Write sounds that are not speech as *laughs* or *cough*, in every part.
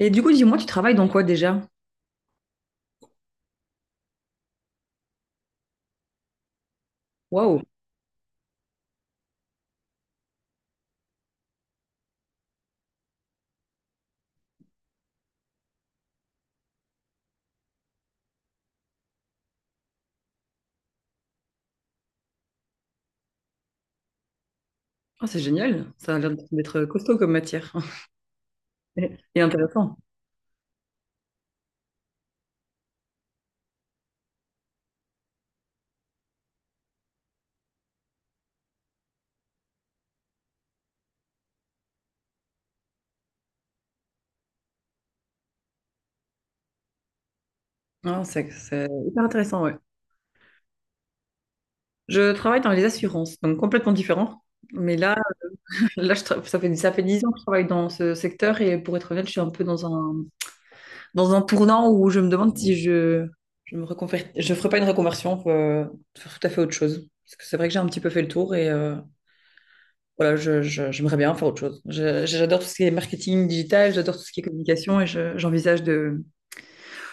Et du coup, dis-moi, tu travailles dans quoi déjà? Waouh! Ah, c'est génial. Ça a l'air d'être costaud comme matière. *laughs* Et intéressant. Ah, c'est hyper intéressant, ouais. Je travaille dans les assurances, donc complètement différent. Mais là, ça fait 10 ans que je travaille dans ce secteur et pour être honnête, je suis un peu dans un tournant où je me demande si je ferai pas une reconversion pour faire tout à fait autre chose. Parce que c'est vrai que j'ai un petit peu fait le tour et voilà, je, j'aimerais bien faire autre chose. J'adore tout ce qui est marketing digital, j'adore tout ce qui est communication et j'envisage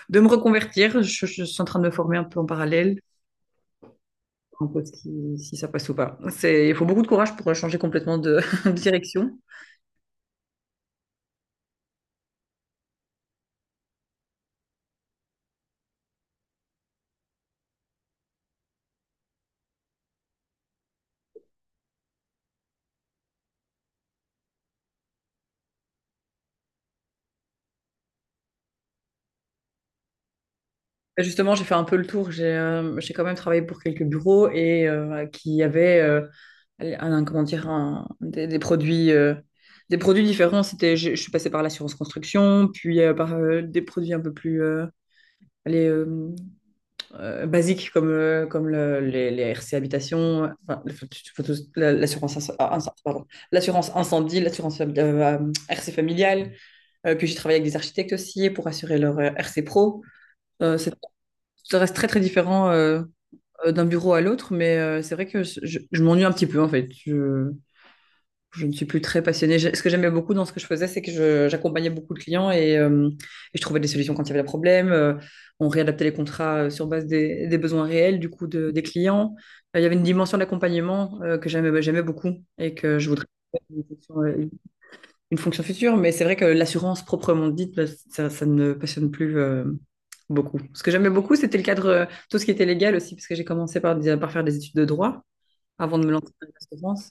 de me reconvertir. Je suis en train de me former un peu en parallèle, un peu si, si ça passe ou pas. Il faut beaucoup de courage pour changer complètement de, *laughs* de direction. Et justement, j'ai fait un peu le tour. J'ai quand même travaillé pour quelques bureaux et qui avaient un, comment dire, des produits. Des produits différents, c'était, je suis passée par l'assurance construction, puis par des produits un peu plus, allez, euh, basiques comme, comme les RC Habitation, enfin, la- l'assurance inc- ah, inc- pardon, l'assurance incendie, RC familiale. Puis j'ai travaillé avec des architectes aussi pour assurer leur RC pro. Euh, c'est- Ça reste très très différent d'un bureau à l'autre, mais c'est vrai que je, je m'ennuie un petit peu en fait. Je ne suis plus très passionnée. Ce que j'aimais beaucoup dans ce que je faisais, c'est que j'accompagnais beaucoup de clients et, et je trouvais des solutions quand il y avait des problèmes. On réadaptait les contrats sur base des besoins réels du coup des clients. Il y avait une dimension d'accompagnement que j'aimais beaucoup et que je voudrais faire une fonction future. Mais c'est vrai que l'assurance proprement dite, bah, ça ne me passionne plus beaucoup. Ce que j'aimais beaucoup, c'était le cadre, tout ce qui était légal aussi, parce que j'ai commencé par, par faire des études de droit avant de me lancer dans l'assurance.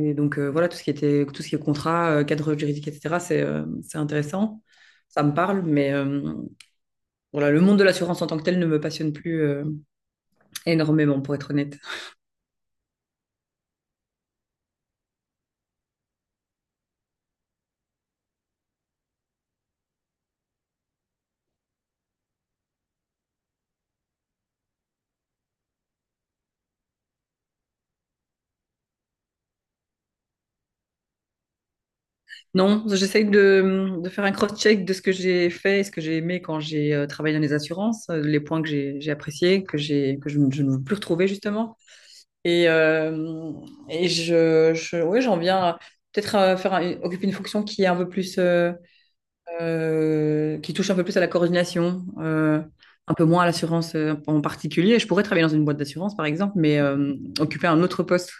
Et donc voilà, tout ce qui était, tout ce qui est contrat, cadre juridique, etc., c'est intéressant. Ça me parle, mais voilà, le monde de l'assurance en tant que tel ne me passionne plus énormément, pour être honnête. Non, j'essaye de faire un cross-check de ce que j'ai fait et ce que j'ai aimé quand j'ai travaillé dans les assurances, les points que j'ai appréciés, que j'ai, que je ne veux plus retrouver, justement. Et, euh, et ouais, j'en viens à peut-être à faire occuper une fonction qui est un peu plus qui touche un peu plus à la coordination, un peu moins à l'assurance en particulier. Je pourrais travailler dans une boîte d'assurance, par exemple, mais occuper un autre poste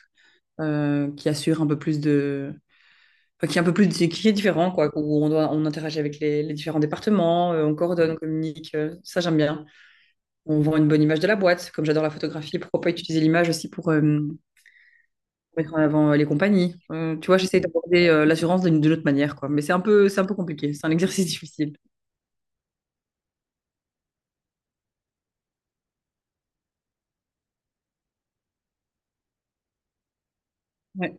qui assure un peu plus de... enfin, qui est un peu plus... qui est différent, quoi, où on doit, on interagit avec les différents départements, on coordonne, on communique. Ça, j'aime bien. On vend une bonne image de la boîte. Comme j'adore la photographie, pourquoi pas utiliser l'image aussi pour... mettre en avant les compagnies. Tu vois, j'essaie d'aborder l'assurance d'une autre manière, quoi. Mais c'est un peu compliqué. C'est un *laughs* exercice difficile. Ouais.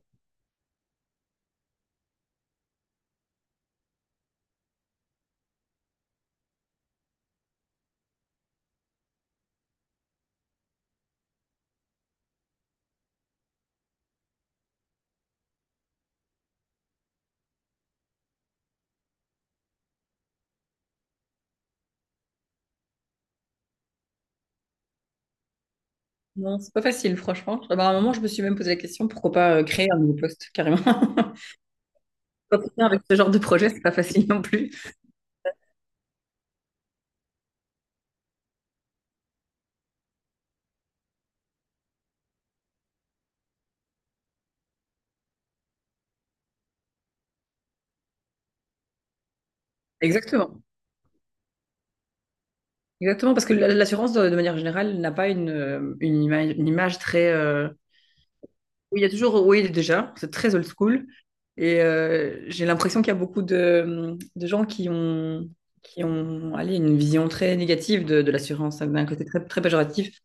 Non, c'est pas facile, franchement. Ah bah, à un moment, je me suis même posé la question, pourquoi pas créer un nouveau poste, carrément. *laughs* Entretenir avec ce genre de projet, c'est pas facile non plus. Exactement. Exactement, parce que l'assurance, de manière générale, n'a pas une, une image très... Oui, il y a toujours... Oui, déjà, c'est très old school. Et j'ai l'impression qu'il y a beaucoup de gens qui ont allez, une vision très négative de l'assurance, hein, d'un côté très, très péjoratif.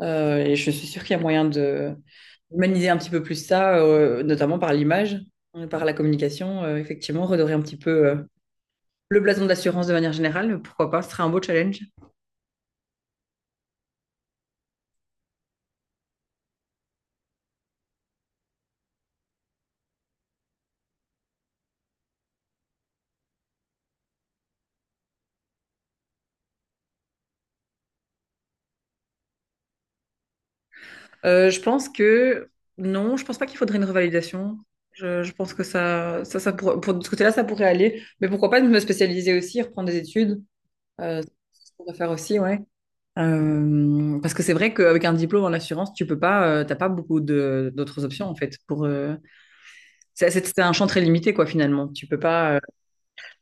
Et je suis sûre qu'il y a moyen de humaniser un petit peu plus ça, notamment par l'image, par la communication. Effectivement, redorer un petit peu le blason de l'assurance de manière générale, pourquoi pas, ce serait un beau challenge. Je pense que non, je pense pas qu'il faudrait une revalidation. Je pense que pour, de ce côté-là, ça pourrait aller. Mais pourquoi pas me spécialiser aussi, reprendre des études. Euh, c'est ce qu'on va faire aussi, ouais. Parce que c'est vrai qu'avec un diplôme en assurance, tu peux pas, t'as pas beaucoup de d'autres options en fait. Pour c'est un champ très limité quoi finalement. Tu peux pas.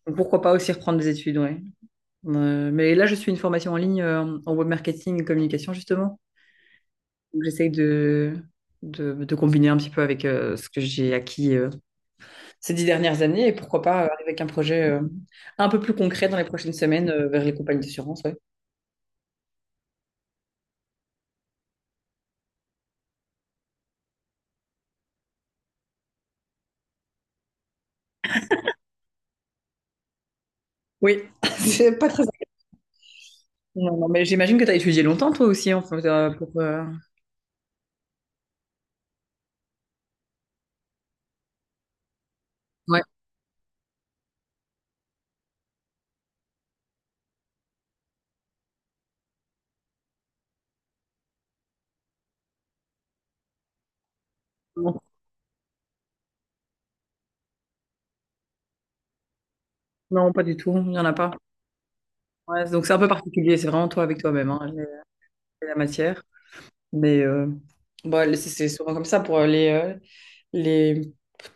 Donc pourquoi pas aussi reprendre des études, ouais. Mais là, je suis une formation en ligne en web marketing et communication justement. Donc, j'essaye de combiner un petit peu avec ce que j'ai acquis ces 10 dernières années et pourquoi pas arriver avec un projet un peu plus concret dans les prochaines semaines vers les compagnies d'assurance, ouais. Oui, *laughs* c'est pas très. Non, non, mais j'imagine que tu as étudié longtemps toi aussi, en fait, pour, Ouais. Non, non, pas du tout, il n'y en a pas. Ouais, donc c'est un peu particulier, c'est vraiment toi avec toi-même, hein, la matière. Mais bah, c'est souvent comme ça pour les, les,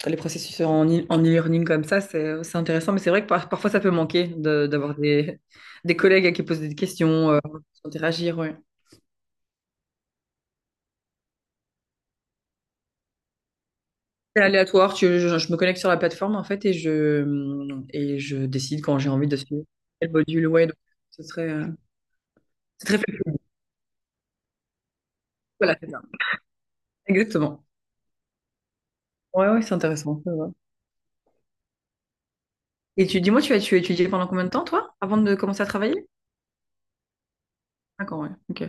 les processus en en e-learning comme ça, c'est intéressant, mais c'est vrai que parfois ça peut manquer d'avoir des collègues à qui posent des questions, interagir, ouais. C'est aléatoire, je me connecte sur la plateforme en fait et et je décide quand j'ai envie de suivre quel module. Ouais, donc ce serait, c'est très flexible, voilà, c'est ça. Exactement. Ouais, ouais, c'est intéressant. Ça va. Et tu dis-moi, tu as étudié pendant combien de temps toi, avant de commencer à travailler? D'accord, ouais, ok.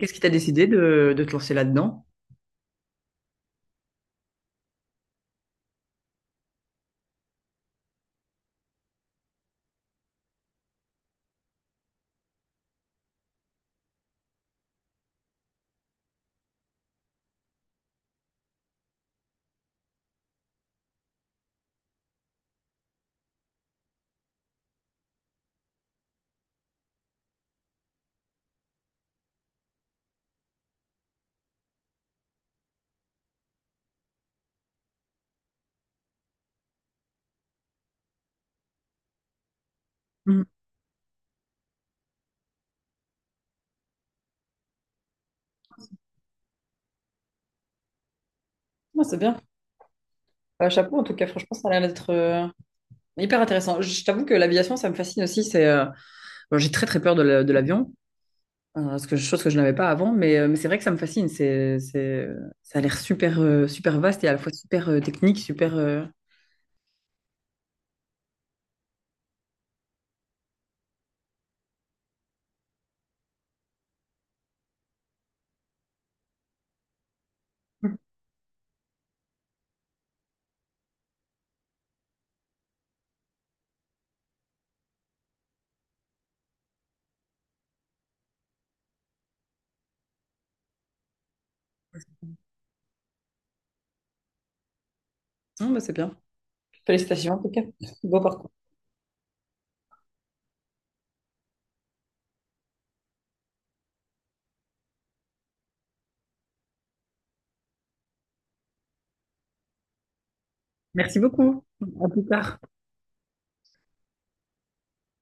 Qu'est-ce qui t'a décidé de te lancer là-dedans? Mhm. Ouais, c'est bien. Chapeau, en tout cas, franchement, ça a l'air d'être hyper intéressant. Je t'avoue que l'aviation, ça me fascine aussi. Bon, j'ai très très peur de de l'avion. Chose que je n'avais pas avant, mais c'est vrai que ça me fascine. Ça a l'air super, super vaste et à la fois super technique, super. Non, bah, c'est bien. Félicitations en tout cas. Beau parcours. Merci beaucoup. À plus tard.